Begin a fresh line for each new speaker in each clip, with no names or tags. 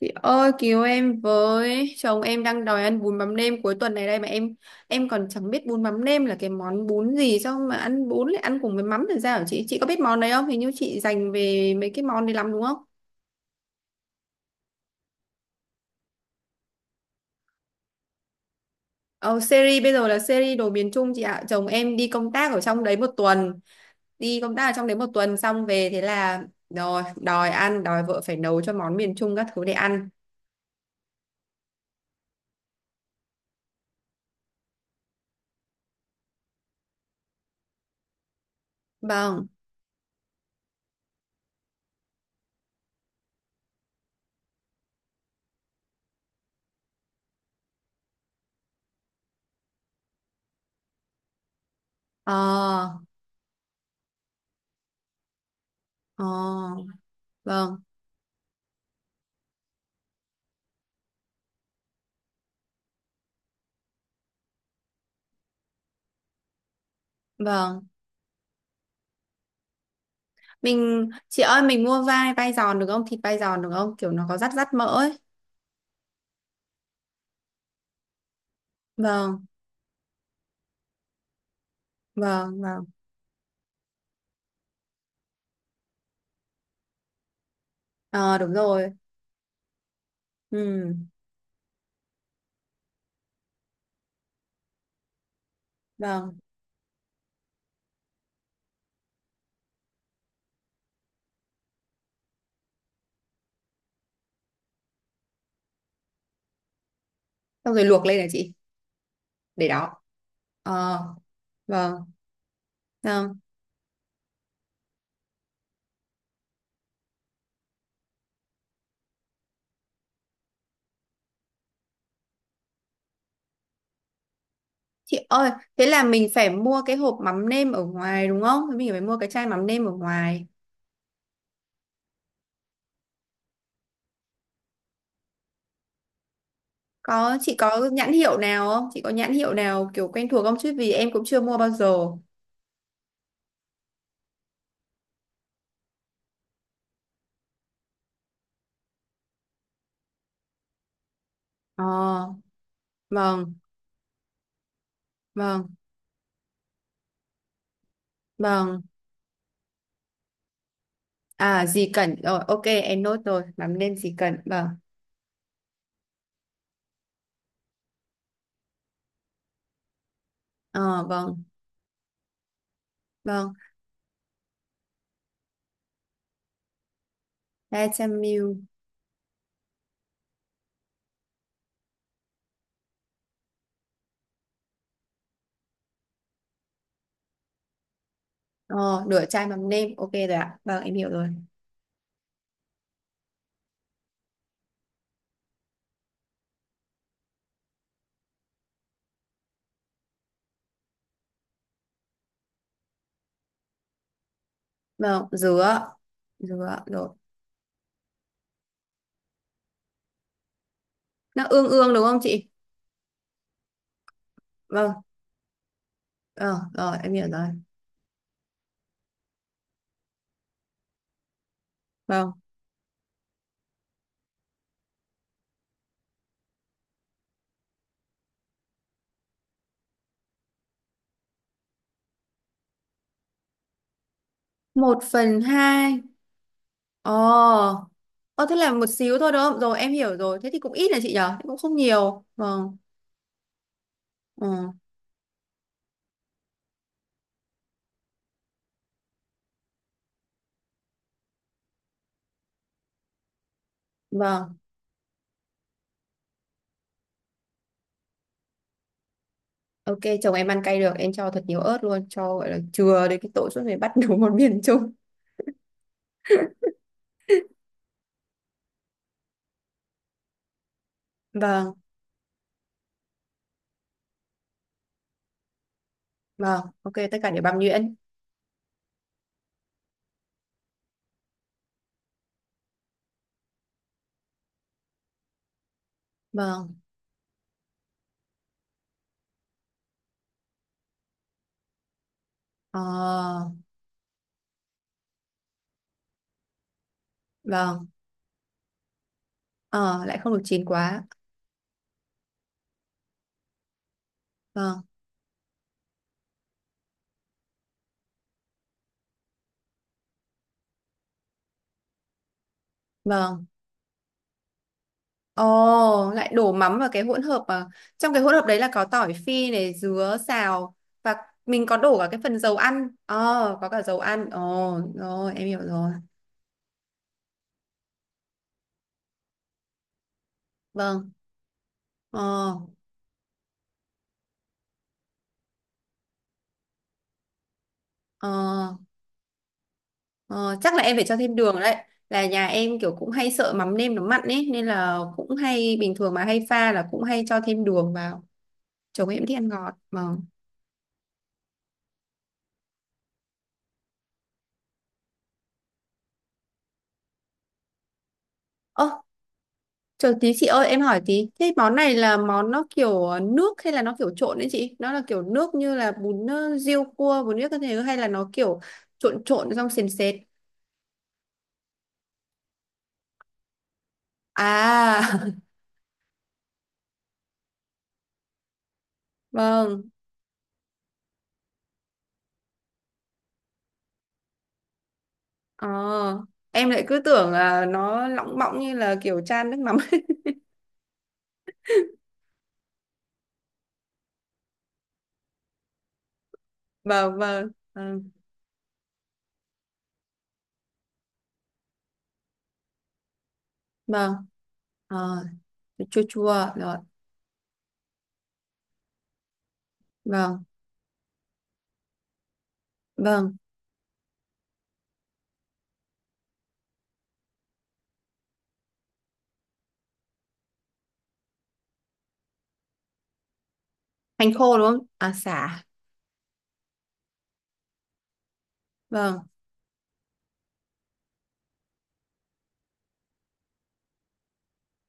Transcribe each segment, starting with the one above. Chị ơi cứu em với, chồng em đang đòi ăn bún mắm nêm cuối tuần này đây mà em còn chẳng biết bún mắm nêm là cái món bún gì, sao mà ăn bún lại ăn cùng với mắm thì sao hả chị? Chị có biết món đấy không? Hình như chị dành về mấy cái món đấy lắm đúng không? Ờ, Series bây giờ là series đồ miền Trung chị ạ, chồng em đi công tác ở trong đấy một tuần, đi công tác ở trong đấy một tuần xong về thế là rồi đòi ăn, đòi vợ phải nấu cho món miền Trung các thứ để ăn. Vâng. Ờ. Ờ. Vâng, vâng. Mình chị ơi, mình mua vai vai giòn được không? Thịt vai giòn được không? Kiểu nó có rắt rắt mỡ ấy. Vâng, vâng, vâng. Ờ đúng rồi. Ừ, vâng. Xong rồi luộc lên hả chị? Để đó. Ờ, vâng. Vâng. Chị ơi, thế là mình phải mua cái hộp mắm nêm ở ngoài đúng không? Thế mình phải mua cái chai mắm nêm ở ngoài. Có, chị có nhãn hiệu nào không? Chị có nhãn hiệu nào kiểu quen thuộc không, chứ vì em cũng chưa mua bao giờ. Ờ, vâng, vâng, vâng. À gì cần rồi, ok em nốt rồi, mắm nêm gì cần. Vâng. Ờ vâng, vâng. 300 ml. Ờ nửa chai mắm nêm, ok rồi ạ. Vâng, em hiểu rồi. Vâng, dứa. Dứa rồi. Nó ương ương đúng không chị? Vâng. Ờ rồi, em hiểu rồi. Vâng. Một phần hai. Ờ. Ờ thế là một xíu thôi đúng không? Rồi em hiểu rồi. Thế thì cũng ít là chị nhở? Thế cũng không nhiều. Vâng. Ờ. Vâng. Ok, chồng em ăn cay được, em cho thật nhiều ớt luôn, cho gọi là chừa đến cái tội suốt ngày bắt đủ một miền chung. Vâng. Vâng, ok, tất cả đều băm nhuyễn. Vâng, ờ, vâng, ờ, lại không được chín quá. Vâng, vâng. Ồ, lại đổ mắm vào cái hỗn hợp mà trong cái hỗn hợp đấy là có tỏi phi này, dứa, xào và mình có đổ cả cái phần dầu ăn. Ờ, có cả dầu ăn. Ồ, rồi, em hiểu rồi. Vâng. Ờ, ờ, ờ, chắc là em phải cho thêm đường đấy. Là nhà em kiểu cũng hay sợ mắm nêm nó mặn ấy nên là cũng hay bình thường mà hay pha là cũng hay cho thêm đường vào. Chồng em thích ăn ngọt. Vâng. Ơ chờ tí chị ơi em hỏi tí. Thế món này là món nó kiểu nước hay là nó kiểu trộn đấy chị? Nó là kiểu nước như là bún riêu cua, bún riêu các thứ, hay là nó kiểu trộn trộn xong sền sệt? À vâng. Ờ. Em lại cứ tưởng là nó lỏng bọng như là kiểu chan nước mắm. Vâng vâng ừ. Vâng. Ờ. Chua chua rồi. Vâng. Vâng. Hành khô đúng không? À sả. Vâng.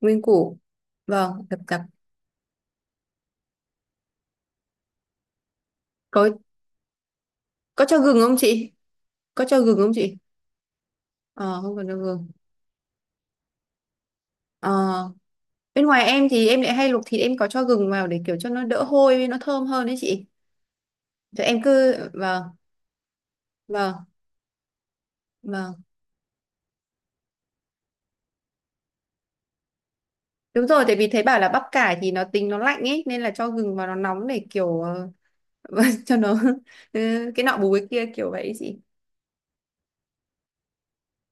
Nguyên củ. Vâng. Đập đập. Có có cho gừng không chị? Có cho gừng không chị? Ờ, không cần cho gừng. Ờ, bên ngoài em thì em lại hay luộc thịt em có cho gừng vào để kiểu cho nó đỡ hôi với nó thơm hơn đấy chị. Thì em cứ vâng, vâng, vâng. Đúng rồi, tại vì thấy bảo là bắp cải thì nó tính nó lạnh ấy nên là cho gừng vào nó nóng để kiểu cho nó ừ, cái nọ bù cái kia kiểu vậy ấy chị.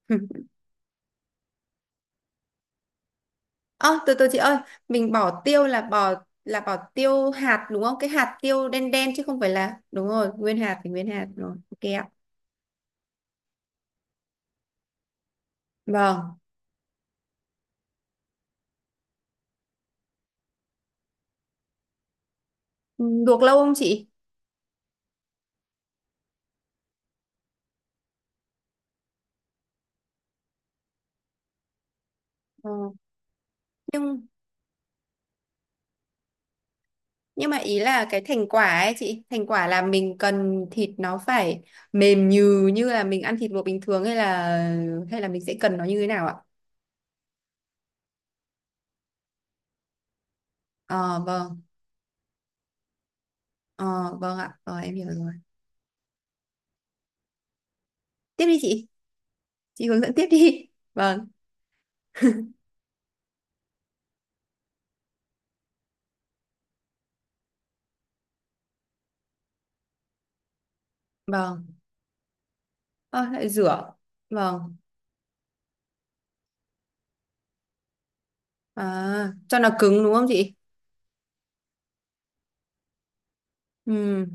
Ơ từ từ chị ơi, mình bỏ tiêu là bỏ tiêu hạt đúng không? Cái hạt tiêu đen đen chứ không phải là đúng rồi, nguyên hạt thì nguyên hạt rồi. Ok ạ. Vâng. Ừ, luộc lâu không chị? Ờ. Nhưng Nhưng mà ý là cái thành quả ấy chị, thành quả là mình cần thịt nó phải mềm nhừ như là mình ăn thịt luộc bình thường, hay là mình sẽ cần nó như thế nào ạ? Ờ vâng, ờ vâng ạ, ờ em hiểu rồi. Tiếp đi chị hướng dẫn tiếp đi. Vâng, vâng, ờ lại rửa. Vâng, à, cho nó cứng đúng không chị? Ừ,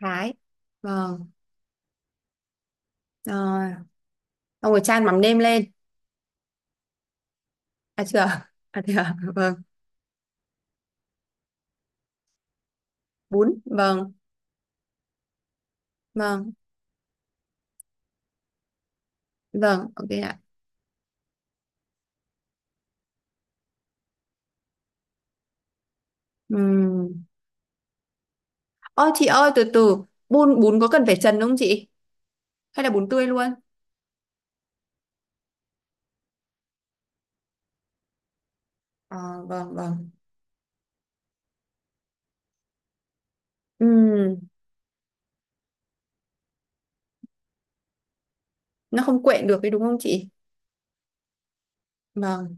thái. Vâng, rồi, xong rồi chan mắm nêm lên. À chưa, à chưa, vâng, bún, vâng, vâng, vâng, ok ạ. Ừ. Ơ chị ơi từ từ, bún bún có cần phải trần không chị? Hay là bún tươi luôn? À, vâng vâng. Ừm, nó không quện được đấy đúng không chị? Vâng.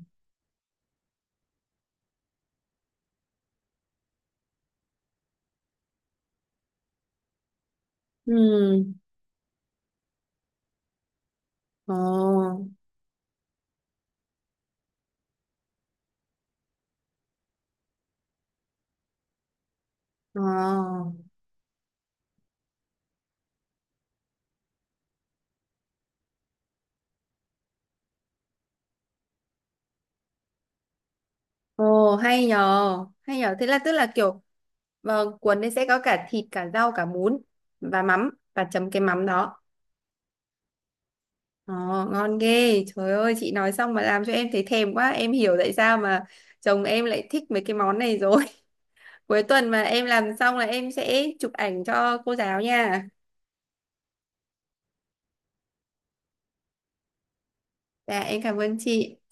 Ừm, ồ, ồ, ồ hay nhờ, hay nhờ. Thế là tức là kiểu vâng, cuốn đấy sẽ có cả thịt, cả rau, cả bún và mắm, và chấm cái mắm đó. Ồ, ngon ghê. Trời ơi, chị nói xong mà làm cho em thấy thèm quá. Em hiểu tại sao mà chồng em lại thích mấy cái món này rồi. Cuối tuần mà em làm xong là em sẽ chụp ảnh cho cô giáo nha. Dạ em cảm ơn chị.